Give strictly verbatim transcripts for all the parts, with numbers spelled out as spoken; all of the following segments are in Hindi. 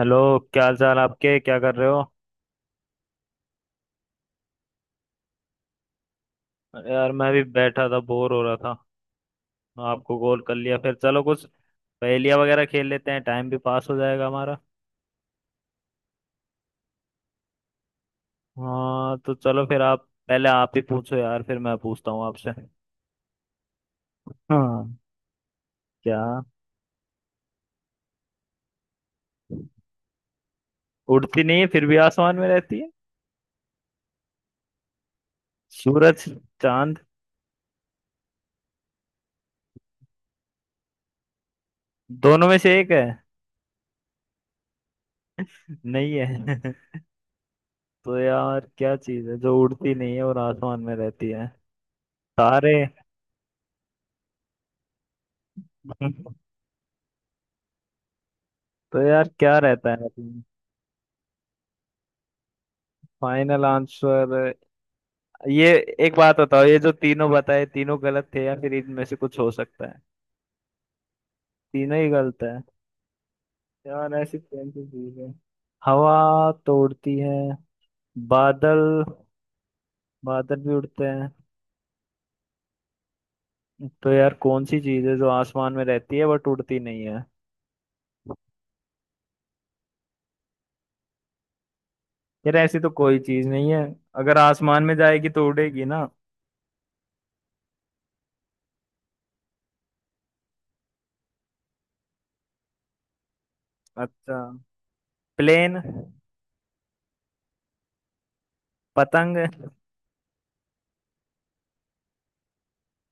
हेलो। क्या हाल चाल आपके, क्या कर रहे हो? अरे यार, मैं भी बैठा था, बोर हो रहा था। आपको कॉल कर लिया। फिर चलो कुछ पहेलियाँ वगैरह खेल लेते हैं, टाइम भी पास हो जाएगा हमारा। हाँ तो चलो फिर, आप पहले आप ही पूछो यार, फिर मैं पूछता हूँ आपसे। हाँ। क्या? उड़ती नहीं है फिर भी आसमान में रहती है? सूरज। चांद। दोनों में से एक है। नहीं है। तो यार, क्या चीज है जो उड़ती नहीं है और आसमान में रहती है? तारे। तो यार क्या रहता है? Final answer. ये, एक बात बताओ, ये जो तीनों बताए तीनों गलत थे या फिर इनमें से कुछ हो सकता है? तीनों ही गलत है। यार ऐसी कौन सी चीज है? हवा तो उड़ती है। बादल। बादल भी उड़ते हैं। तो यार कौन सी चीज है जो आसमान में रहती है बट उड़ती नहीं है? यार ऐसी तो कोई चीज नहीं है, अगर आसमान में जाएगी तो उड़ेगी ना। अच्छा। प्लेन। पतंग।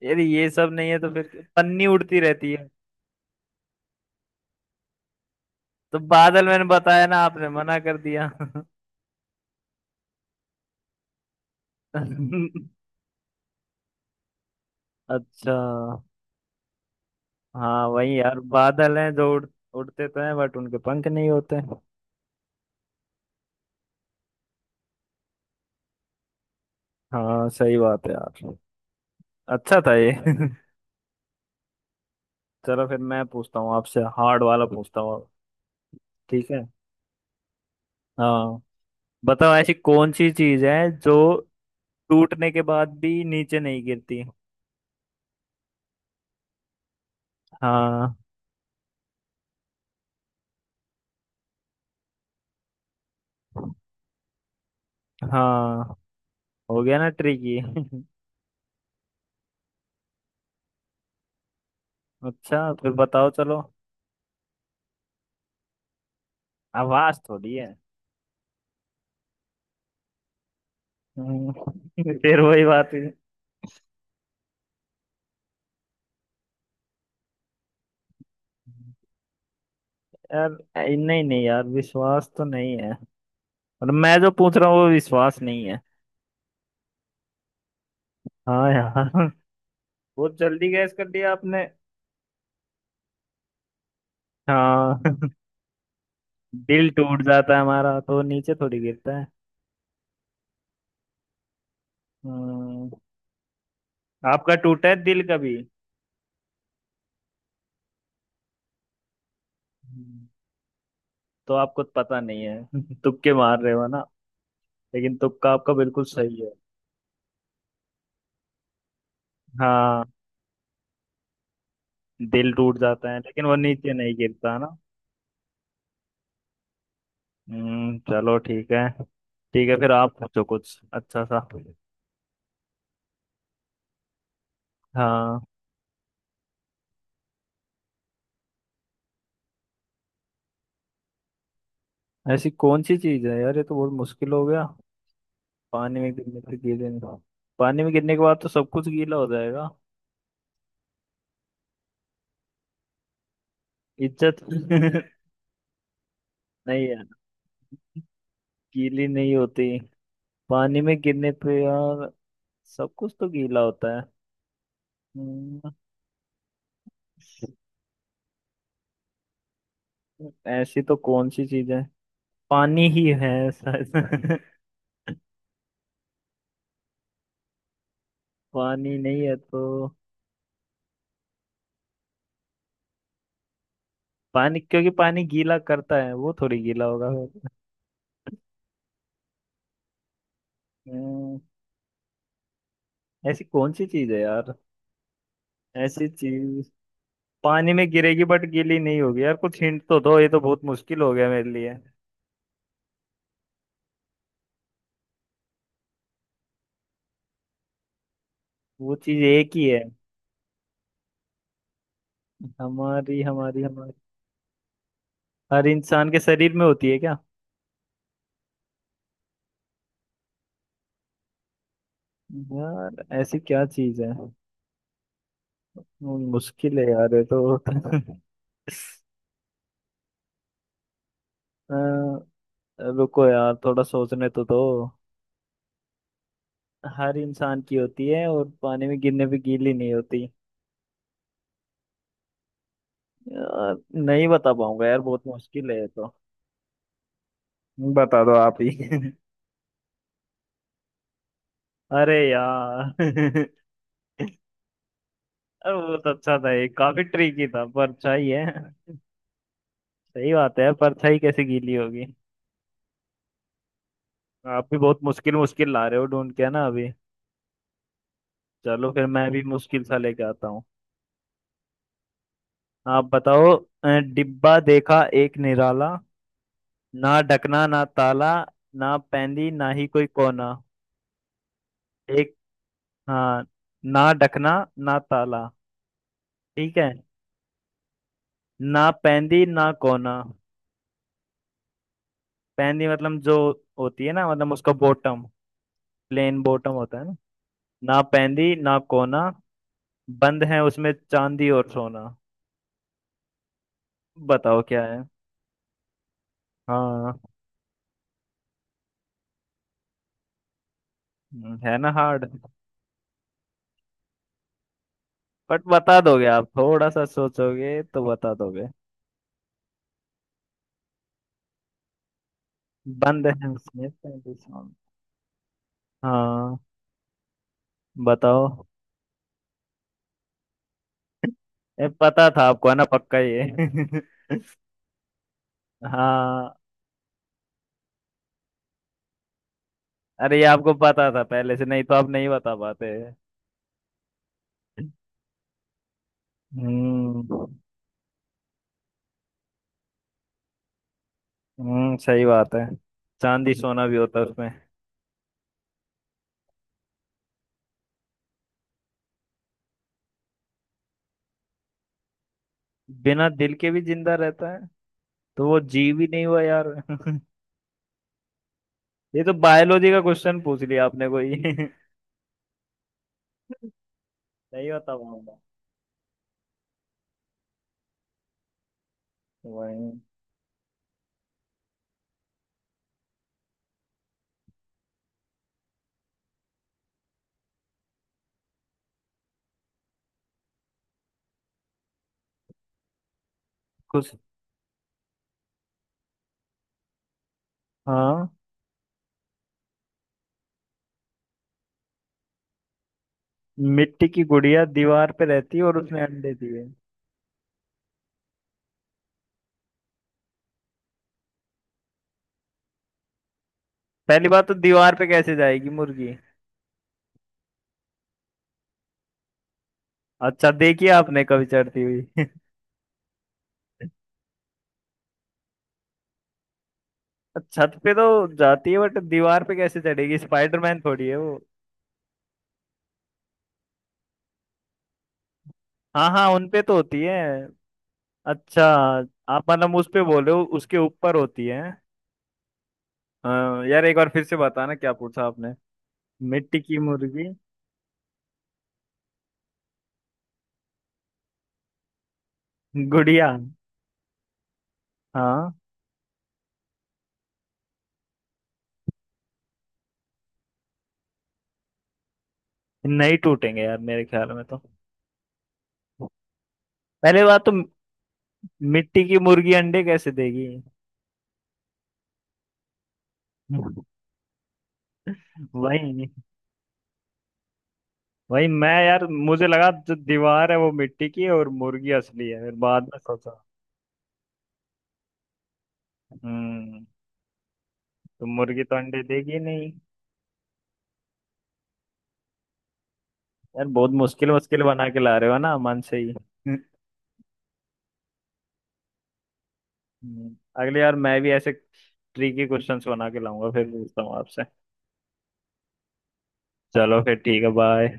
यार ये सब नहीं है तो फिर, पन्नी उड़ती रहती है। तो बादल मैंने बताया ना, आपने मना कर दिया। अच्छा। हाँ वही यार, बादल हैं जो उड़ उड़ते तो हैं बट उनके पंख नहीं होते। हाँ सही बात है यार। अच्छा था ये। चलो फिर मैं पूछता हूँ आपसे, हार्ड वाला पूछता हूँ अब। ठीक है? हाँ। बताओ, ऐसी कौन सी चीज है जो टूटने के बाद भी नीचे नहीं गिरती? हाँ। हाँ। हो गया ना ट्रिकी? अच्छा फिर बताओ चलो। आवाज थोड़ी है। हम्म। फिर वही बात है। यार ऐ- नहीं नहीं यार, विश्वास तो नहीं है। और मैं जो पूछ रहा हूँ वो विश्वास नहीं है। हाँ यार। बहुत जल्दी गैस कर दिया आपने। हाँ। दिल टूट जाता है हमारा तो नीचे थोड़ी गिरता है। हम्म, आपका टूटा है दिल कभी? हम्म। तो आपको तो पता नहीं है, तुक्के मार रहे हो ना, लेकिन तुक्का आपका बिल्कुल सही है। हाँ, दिल टूट जाता है लेकिन वो नीचे नहीं गिरता। हम्म चलो ठीक है। ठीक है फिर आप पूछो कुछ अच्छा सा। हाँ। ऐसी कौन सी चीज है यार, ये तो बहुत मुश्किल हो गया। पानी में गिरने से गीले नहीं? पानी में गिरने के बाद तो सब कुछ गीला हो जाएगा। इज्जत। नहीं यार। गीली नहीं होती? पानी में गिरने पे यार, सब कुछ तो गीला होता है। हम्म, ऐसी तो कौन सी चीज है? पानी ही है शायद। पानी नहीं है तो? पानी, क्योंकि पानी गीला करता है वो थोड़ी गीला होगा। फिर। ऐसी कौन सी चीज है यार, ऐसी चीज पानी में गिरेगी बट गीली नहीं होगी? यार कुछ हिंट तो दो, ये तो बहुत मुश्किल हो गया मेरे लिए। वो चीज एक ही है। हमारी हमारी हमारी। हर इंसान के शरीर में होती है क्या? यार ऐसी क्या चीज है? वो मुश्किल है यार ये तो। अ, रुको यार थोड़ा सोचने तो दो। हर इंसान की होती है और पानी में गिरने पे गीली नहीं होती? यार नहीं बता पाऊंगा यार, बहुत मुश्किल है ये तो। बता दो आप ही। अरे यार। अरे वो तो अच्छा था, ये काफी ट्रिकी था। परछाई है? सही बात है, परछाई कैसे गीली होगी। आप भी बहुत मुश्किल मुश्किल ला रहे हो ढूंढ के ना अभी। चलो फिर मैं भी मुश्किल सा लेके आता हूँ। आप बताओ। अ, डिब्बा देखा एक निराला, ना ढकना ना ताला, ना पैंदी ना ही कोई कोना। एक। हाँ। ना ढकना ना ताला। ठीक है। ना पैंदी ना कोना। पैंदी मतलब जो होती है ना, मतलब उसका बॉटम, प्लेन बॉटम होता है ना। ना पैंदी ना कोना, बंद है उसमें चांदी और सोना। बताओ क्या है। हाँ। हम्म, है ना हार्ड? बट बता दोगे, आप थोड़ा सा सोचोगे तो बता दोगे। बंद है उसमें पैंदी सोना। हाँ। बताओ। ए, पता था आपको है ना पक्का ये? हाँ। अरे ये आपको पता था पहले से, नहीं तो आप नहीं बता पाते। हम्म। हम्म सही बात है। चांदी सोना भी होता है उसमें। बिना दिल के भी जिंदा रहता है? तो वो जीव ही नहीं हुआ यार। ये तो बायोलॉजी का क्वेश्चन पूछ लिया आपने कोई। नहीं होता पाऊंगा। वही। कुछ। हाँ। मिट्टी की गुड़िया दीवार पे रहती है और उसने अंडे दिए? पहली बात तो दीवार पे कैसे जाएगी मुर्गी? अच्छा, देखिए आपने कभी चढ़ती हुई? छत पे तो जाती है बट दीवार पे कैसे चढ़ेगी, स्पाइडरमैन थोड़ी है वो। हाँ हाँ उनपे तो होती है। अच्छा। आप मतलब उस पे बोले हो, उसके ऊपर होती है? हाँ यार, एक बार फिर से बताना क्या पूछा आपने। मिट्टी की मुर्गी। गुड़िया। हाँ। नहीं टूटेंगे यार मेरे ख्याल में तो। पहले बात तो मिट्टी की मुर्गी अंडे कैसे देगी? वही। वही मैं यार, मुझे लगा जो दीवार है वो मिट्टी की है और मुर्गी असली है, फिर बाद में सोचा। हम्म। तो मुर्गी तो अंडे देगी नहीं। यार बहुत मुश्किल मुश्किल बना के ला रहे हो ना मन से ही। हम्म, अगली बार मैं भी ऐसे ट्रिकी क्वेश्चंस बना के लाऊंगा, फिर पूछता हूँ आपसे। चलो फिर ठीक है, बाय।